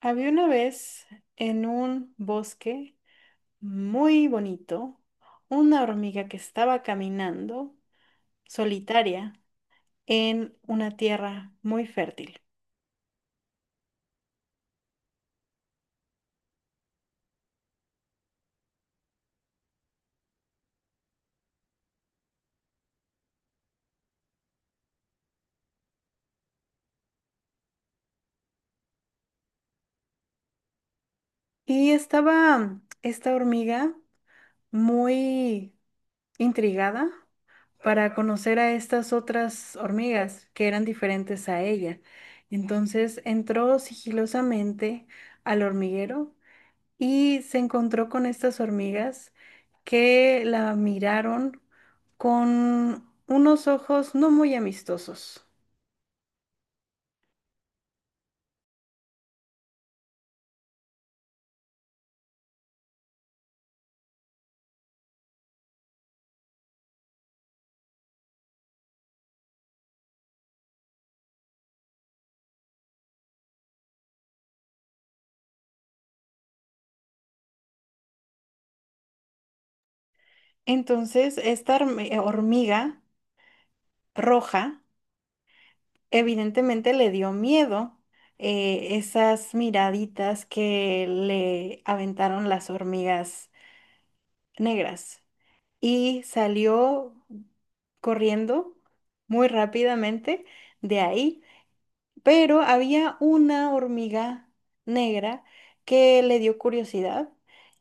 Había una vez en un bosque muy bonito una hormiga que estaba caminando solitaria en una tierra muy fértil. Y estaba esta hormiga muy intrigada para conocer a estas otras hormigas que eran diferentes a ella. Entonces entró sigilosamente al hormiguero y se encontró con estas hormigas que la miraron con unos ojos no muy amistosos. Entonces, esta hormiga roja evidentemente le dio miedo esas miraditas que le aventaron las hormigas negras y salió corriendo muy rápidamente de ahí. Pero había una hormiga negra que le dio curiosidad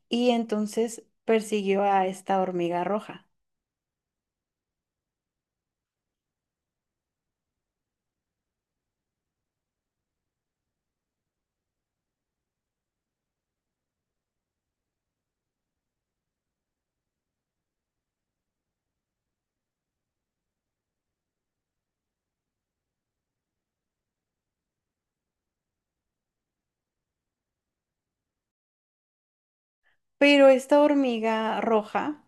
y entonces persiguió a esta hormiga roja. Pero esta hormiga roja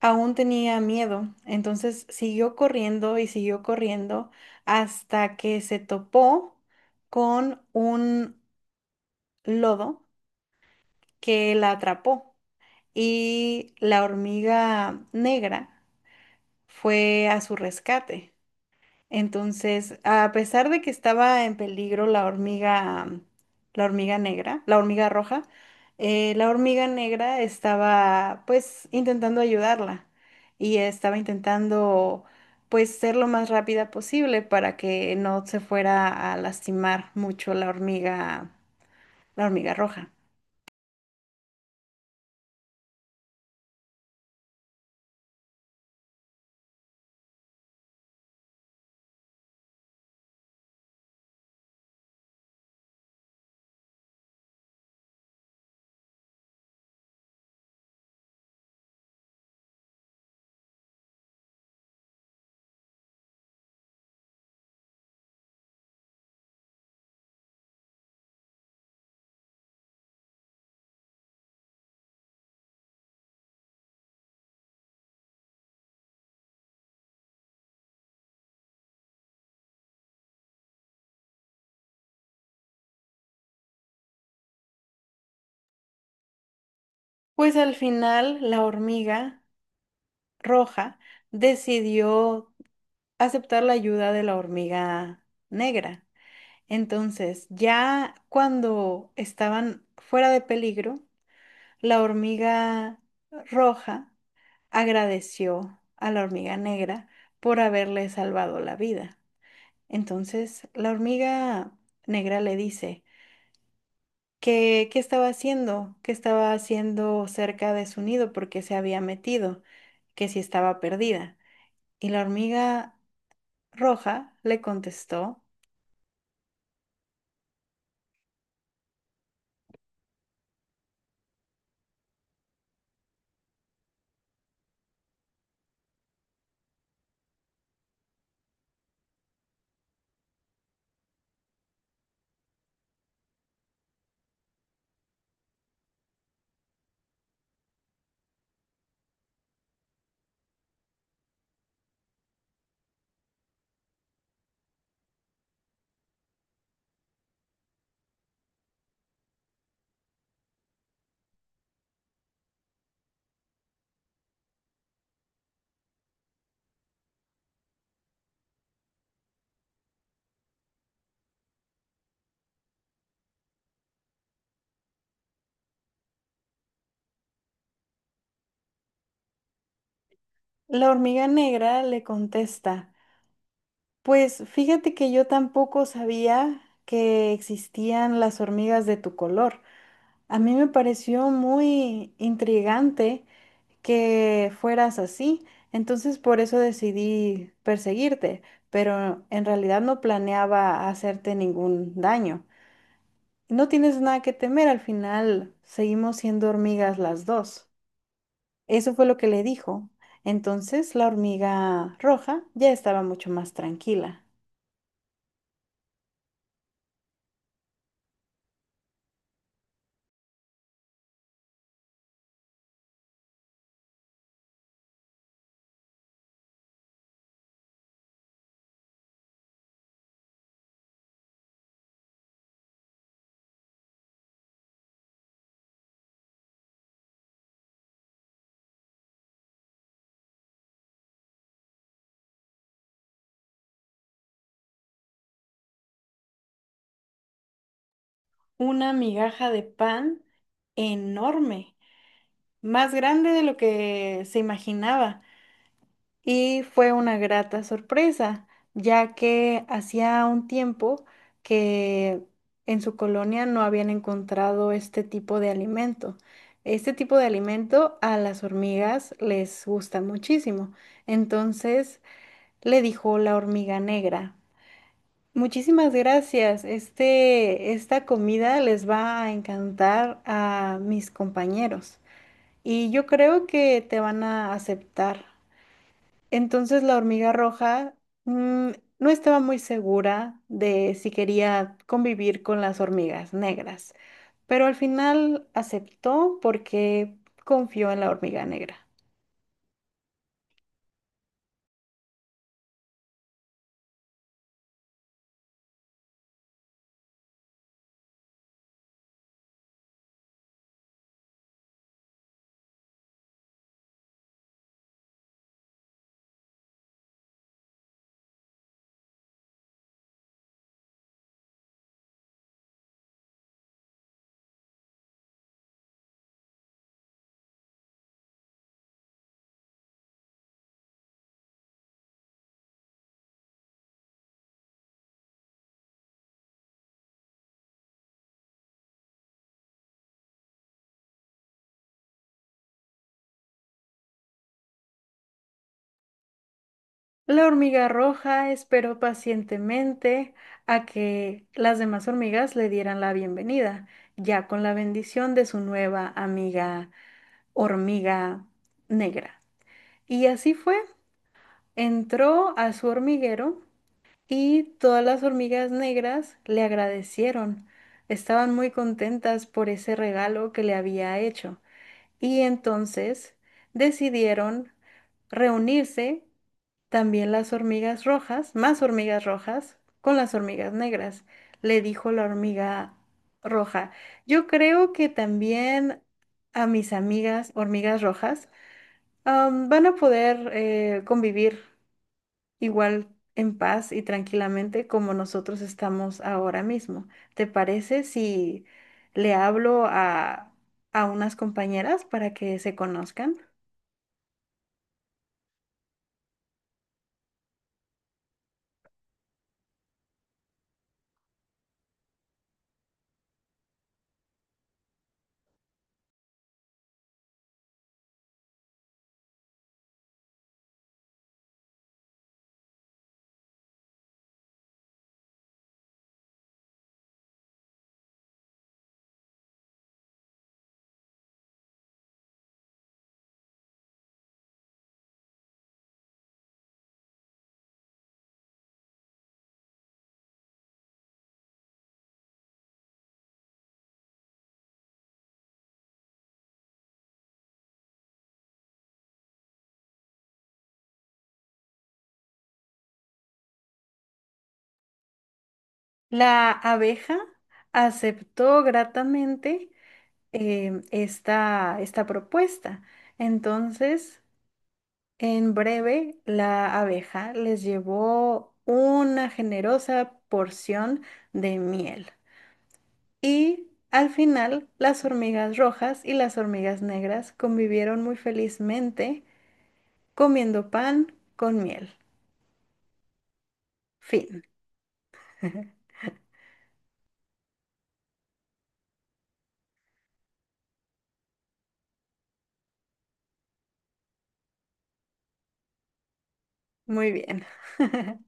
aún tenía miedo, entonces siguió corriendo y siguió corriendo hasta que se topó con un lodo que la atrapó y la hormiga negra fue a su rescate. Entonces, a pesar de que estaba en peligro la hormiga, la hormiga negra, la hormiga roja, la hormiga negra estaba pues intentando ayudarla y estaba intentando pues ser lo más rápida posible para que no se fuera a lastimar mucho la hormiga roja. Pues al final la hormiga roja decidió aceptar la ayuda de la hormiga negra. Entonces, ya cuando estaban fuera de peligro, la hormiga roja agradeció a la hormiga negra por haberle salvado la vida. Entonces, la hormiga negra le dice que qué estaba haciendo, que estaba haciendo cerca de su nido porque se había metido, que si estaba perdida. Y la hormiga roja le contestó, la hormiga negra le contesta: pues fíjate que yo tampoco sabía que existían las hormigas de tu color. A mí me pareció muy intrigante que fueras así, entonces por eso decidí perseguirte, pero en realidad no planeaba hacerte ningún daño. No tienes nada que temer, al final seguimos siendo hormigas las dos. Eso fue lo que le dijo. Entonces la hormiga roja ya estaba mucho más tranquila. Una migaja de pan enorme, más grande de lo que se imaginaba. Y fue una grata sorpresa, ya que hacía un tiempo que en su colonia no habían encontrado este tipo de alimento. Este tipo de alimento a las hormigas les gusta muchísimo. Entonces le dijo la hormiga negra: muchísimas gracias. Este, esta comida les va a encantar a mis compañeros y yo creo que te van a aceptar. Entonces la hormiga roja, mm, no estaba muy segura de si quería convivir con las hormigas negras, pero al final aceptó porque confió en la hormiga negra. La hormiga roja esperó pacientemente a que las demás hormigas le dieran la bienvenida, ya con la bendición de su nueva amiga hormiga negra. Y así fue, entró a su hormiguero y todas las hormigas negras le agradecieron. Estaban muy contentas por ese regalo que le había hecho. Y entonces decidieron reunirse también las hormigas rojas, más hormigas rojas, con las hormigas negras, le dijo la hormiga roja. Yo creo que también a mis amigas hormigas rojas van a poder convivir igual en paz y tranquilamente como nosotros estamos ahora mismo. ¿Te parece si le hablo a unas compañeras para que se conozcan? La abeja aceptó gratamente, esta, esta propuesta. Entonces, en breve, la abeja les llevó una generosa porción de miel. Y al final, las hormigas rojas y las hormigas negras convivieron muy felizmente comiendo pan con miel. Fin. Muy bien.